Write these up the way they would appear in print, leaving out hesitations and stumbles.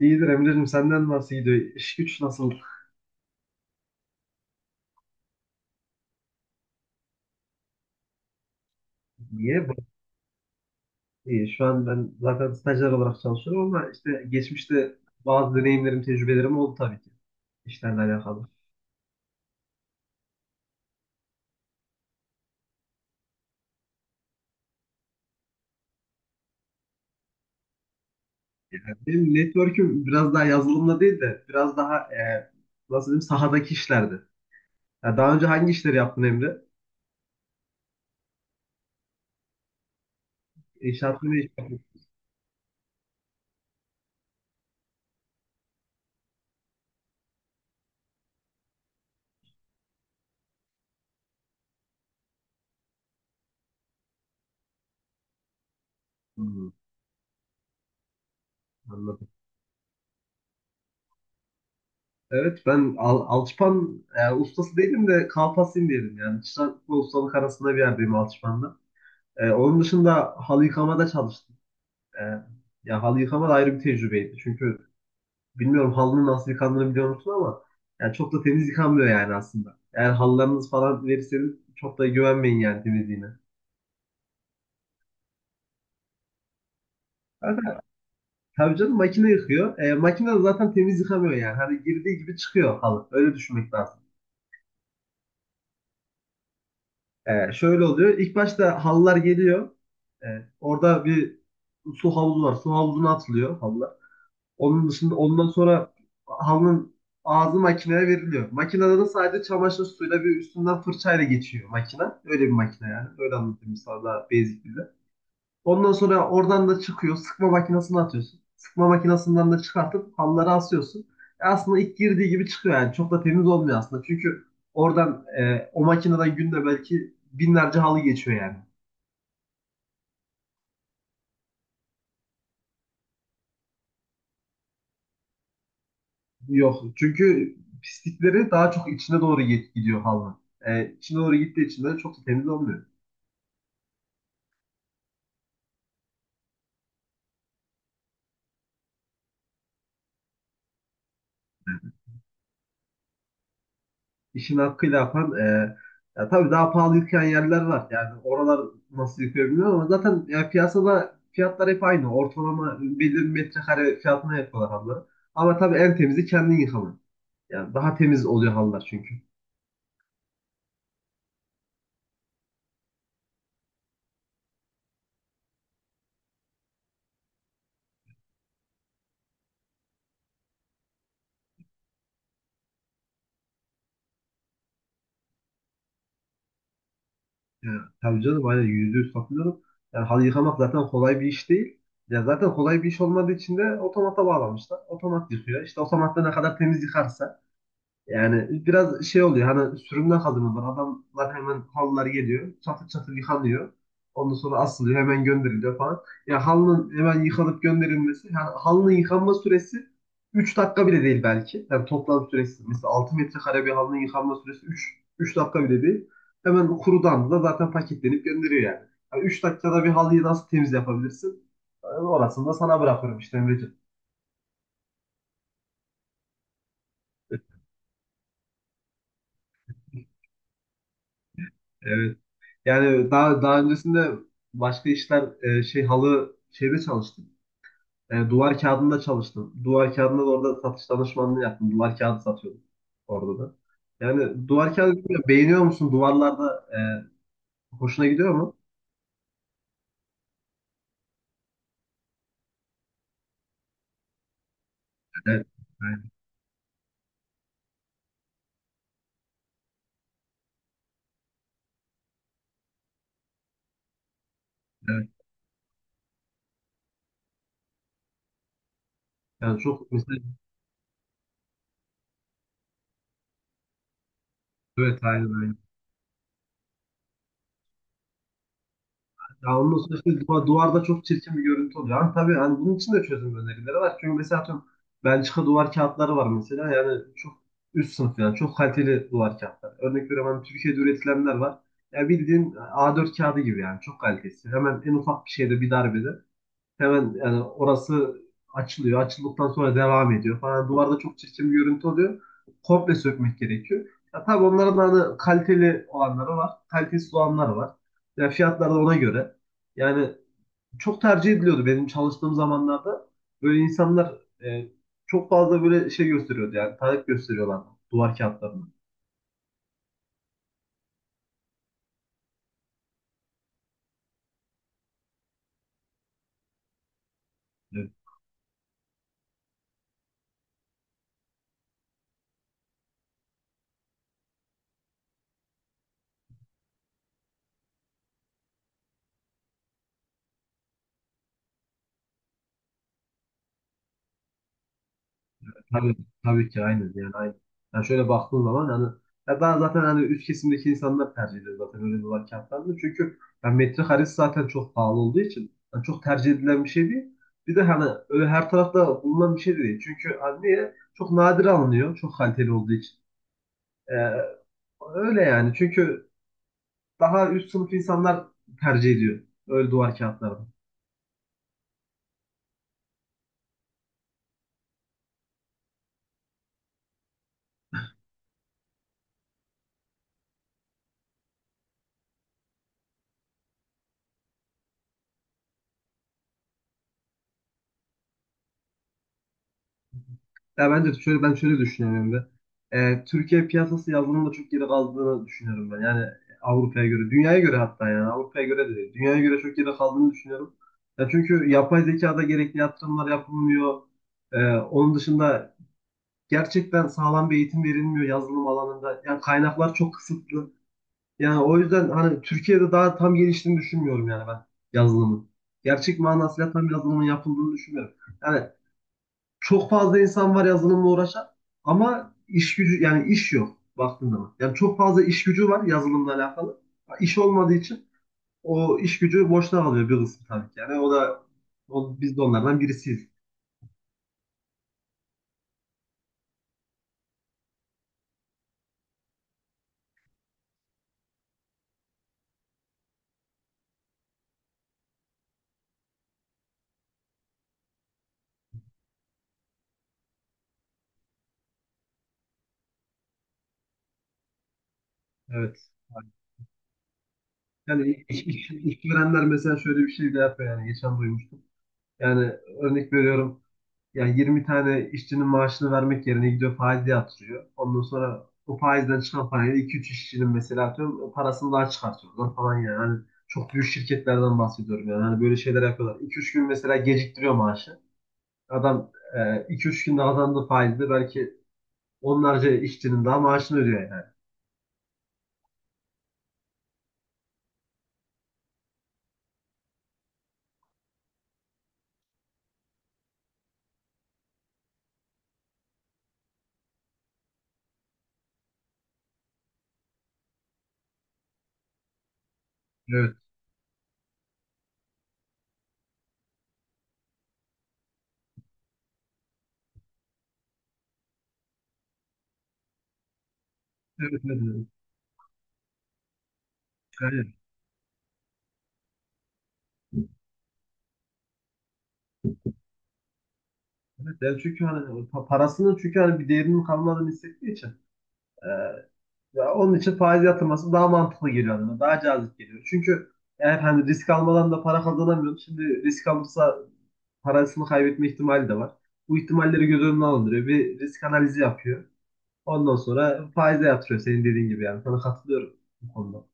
İyidir Emre'cim, senden nasıl gidiyor? İş güç nasıl diye. Bak, iyi. Şu an ben zaten stajyer olarak çalışıyorum ama işte geçmişte bazı deneyimlerim, tecrübelerim oldu tabii ki işlerle alakalı. Yani benim network'üm biraz daha yazılımla değil de biraz daha nasıl diyeyim, sahadaki işlerdi. Ya daha önce hangi işleri yaptın, Emre? İnşaatlı ne iş yaptın? Hmm, anladım. Evet, ben alçıpan ustası değilim de kalfasıyım diyelim yani. Çırak ve ustalık arasında bir yerdeyim alçıpanda. Onun dışında halı yıkamada çalıştım. E, Ya halı yıkama da ayrı bir tecrübeydi. Çünkü bilmiyorum, halının nasıl yıkandığını biliyor musun ama yani çok da temiz yıkanmıyor yani aslında. Eğer halılarınız falan verirseniz çok da güvenmeyin yani temizliğine. Zaten tabii canım, makine yıkıyor. Makine de zaten temiz yıkamıyor yani. Hani girdiği gibi çıkıyor halı. Öyle düşünmek lazım. Şöyle oluyor. İlk başta halılar geliyor. E, Orada bir su havuzu var. Su havuzuna atılıyor halılar. Onun dışında, ondan sonra halının ağzı makineye veriliyor. Makinede de sadece çamaşır suyuyla bir üstünden fırçayla geçiyor makina. Öyle bir makine yani. Öyle anlatayım sana, daha basic dille. Ondan sonra oradan da çıkıyor. Sıkma makinesine atıyorsun. Sıkma makinesinden de çıkartıp halları asıyorsun. E aslında ilk girdiği gibi çıkıyor yani. Çok da temiz olmuyor aslında. Çünkü oradan o makineden günde belki binlerce halı geçiyor yani. Yok. Çünkü pislikleri daha çok içine doğru gidiyor halının. İçine doğru gittiği için de çok da temiz olmuyor. İşini hakkıyla yapan, ya tabii, daha pahalı yıkayan yerler var. Yani oralar nasıl yıkıyor bilmiyorum ama zaten ya, piyasada fiyatlar hep aynı. Ortalama belli bir metrekare fiyatına yapıyorlar halıları. Ama tabii en temizi kendin yıkaman. Yani daha temiz oluyor halılar çünkü. Yani, tabii canım, aynen, yüzde yüz katılıyorum. Yani halı yıkamak zaten kolay bir iş değil. Ya zaten kolay bir iş olmadığı için de otomata bağlamışlar. Otomat yıkıyor. İşte otomatta ne kadar temiz yıkarsa, yani biraz şey oluyor hani, sürümden kazanıyorlar. Adamlar, hemen halılar geliyor. Çatır çatır yıkanıyor. Ondan sonra asılıyor. Hemen gönderiliyor falan. Ya halının hemen yıkanıp gönderilmesi. Yani halının yıkanma süresi 3 dakika bile değil belki. Yani toplam süresi. Mesela 6 metrekare bir halının yıkanma süresi üç dakika bile değil. Hemen kurudan da zaten paketlenip gönderiyor yani. Yani 3 dakikada bir halıyı nasıl temiz yapabilirsin? Yani orasını da sana bırakıyorum işte, Emreciğim. Evet. Yani daha öncesinde başka işler, şey, halı şeyde çalıştım. Duvar kağıdında çalıştım. Duvar kağıdında da orada satış danışmanlığı yaptım. Duvar kağıdı satıyordum orada da. Yani duvar kağıdı, bilmiyorum, beğeniyor musun? Duvarlarda hoşuna gidiyor mu? Evet. Evet. Evet. Yani çok mesela, evet, aynen. Ya onun sonuçta duvarda çok çirkin bir görüntü oluyor. Ama tabii hani, bunun için de çözüm önerileri var. Çünkü mesela, atıyorum, Belçika duvar kağıtları var mesela. Yani çok üst sınıf, yani çok kaliteli duvar kağıtları. Örnek veriyorum, hani Türkiye'de üretilenler var. Ya bildiğin A4 kağıdı gibi yani, çok kalitesi. Hemen en ufak bir şeyde, bir darbede. Hemen yani orası açılıyor. Açıldıktan sonra devam ediyor falan. Duvarda çok çirkin bir görüntü oluyor. Komple sökmek gerekiyor. Ya tabii onların da hani kaliteli olanları var. Kalitesiz olanları var. Ya fiyatlar da ona göre. Yani çok tercih ediliyordu benim çalıştığım zamanlarda. Böyle insanlar e, çok fazla böyle şey gösteriyordu, yani talep gösteriyorlardı duvar kağıtlarını. Tabii, tabii ki, aynen yani, aynen. Yani şöyle baktığın zaman hani, ya ben zaten hani, üst kesimdeki insanlar tercih ediyor zaten öyle dolar kağıtlarını. Çünkü yani metrekaresi zaten çok pahalı olduğu için yani çok tercih edilen bir şey değil. Bir de hani öyle her tarafta bulunan bir şey de değil. Çünkü hani niye? Çok nadir alınıyor. Çok kaliteli olduğu için. Ee, öyle yani. Çünkü daha üst sınıf insanlar tercih ediyor. Öyle duvar kağıtlarını. Ya bence şöyle, ben şöyle düşünüyorum da, Türkiye piyasası yazılımda çok geri kaldığını düşünüyorum ben. Yani Avrupa'ya göre, dünyaya göre, hatta yani Avrupa'ya göre de değil, dünyaya göre çok geri kaldığını düşünüyorum. Ya çünkü yapay zekada gerekli yatırımlar yapılmıyor. Onun dışında gerçekten sağlam bir eğitim verilmiyor yazılım alanında. Yani kaynaklar çok kısıtlı. Yani o yüzden hani, Türkiye'de daha tam geliştiğini düşünmüyorum yani ben yazılımın. Gerçek manasıyla tam yazılımın yapıldığını düşünmüyorum. Yani çok fazla insan var yazılımla uğraşan ama iş gücü, yani iş yok baktığın zaman. Yani çok fazla iş gücü var yazılımla alakalı. İş olmadığı için o iş gücü boşta kalıyor bir kısmı tabii ki. Yani biz de onlardan birisiyiz. Evet. Yani işverenler mesela şöyle bir şey de yapıyor yani, geçen duymuştum. Yani, örnek veriyorum. Yani 20 tane işçinin maaşını vermek yerine gidiyor faize yatırıyor. Ondan sonra o faizden çıkan parayla 2-3 işçinin mesela, atıyorum, parasını daha çıkartıyorlar falan yani. Hani çok büyük şirketlerden bahsediyorum yani. Hani böyle şeyler yapıyorlar. 2-3 gün mesela geciktiriyor maaşı. Adam 2-3 günde kazandığı faizle belki onlarca işçinin daha maaşını ödüyor yani. Evet. Evet. Evet. Evet. Aynen. Evet, yani çünkü hani parasının, çünkü hani bir değerinin kalmadığını hissettiği için. Ya onun için faiz yatırması daha mantıklı geliyor adama. Daha cazip geliyor. Çünkü yani hani risk almadan da para kazanamıyor. Şimdi risk alırsa parasını kaybetme ihtimali de var. Bu ihtimalleri göz önüne alındırıyor. Bir risk analizi yapıyor. Ondan sonra faize yatırıyor senin dediğin gibi yani. Sana katılıyorum bu konuda.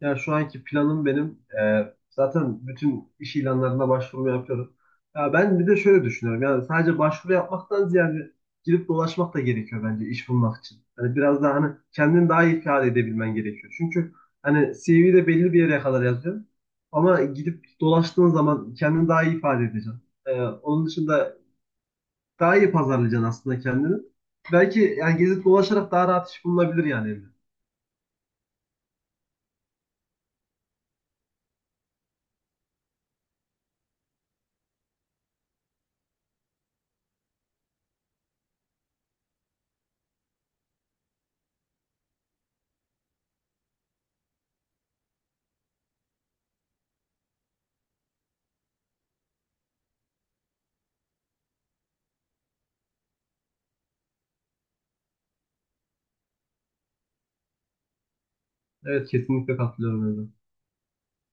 Ya şu anki planım benim, zaten bütün iş ilanlarına başvuru yapıyorum. Ya ben bir de şöyle düşünüyorum. Yani sadece başvuru yapmaktan ziyade girip dolaşmak da gerekiyor bence iş bulmak için. Hani biraz daha hani, kendini daha iyi ifade edebilmen gerekiyor. Çünkü hani CV'de belli bir yere kadar yazıyor. Ama gidip dolaştığın zaman kendini daha iyi ifade edeceksin. Onun dışında daha iyi pazarlayacaksın aslında kendini. Belki yani gezip dolaşarak daha rahat iş bulunabilir yani, Emre. Evet, kesinlikle katılıyorum, Emre.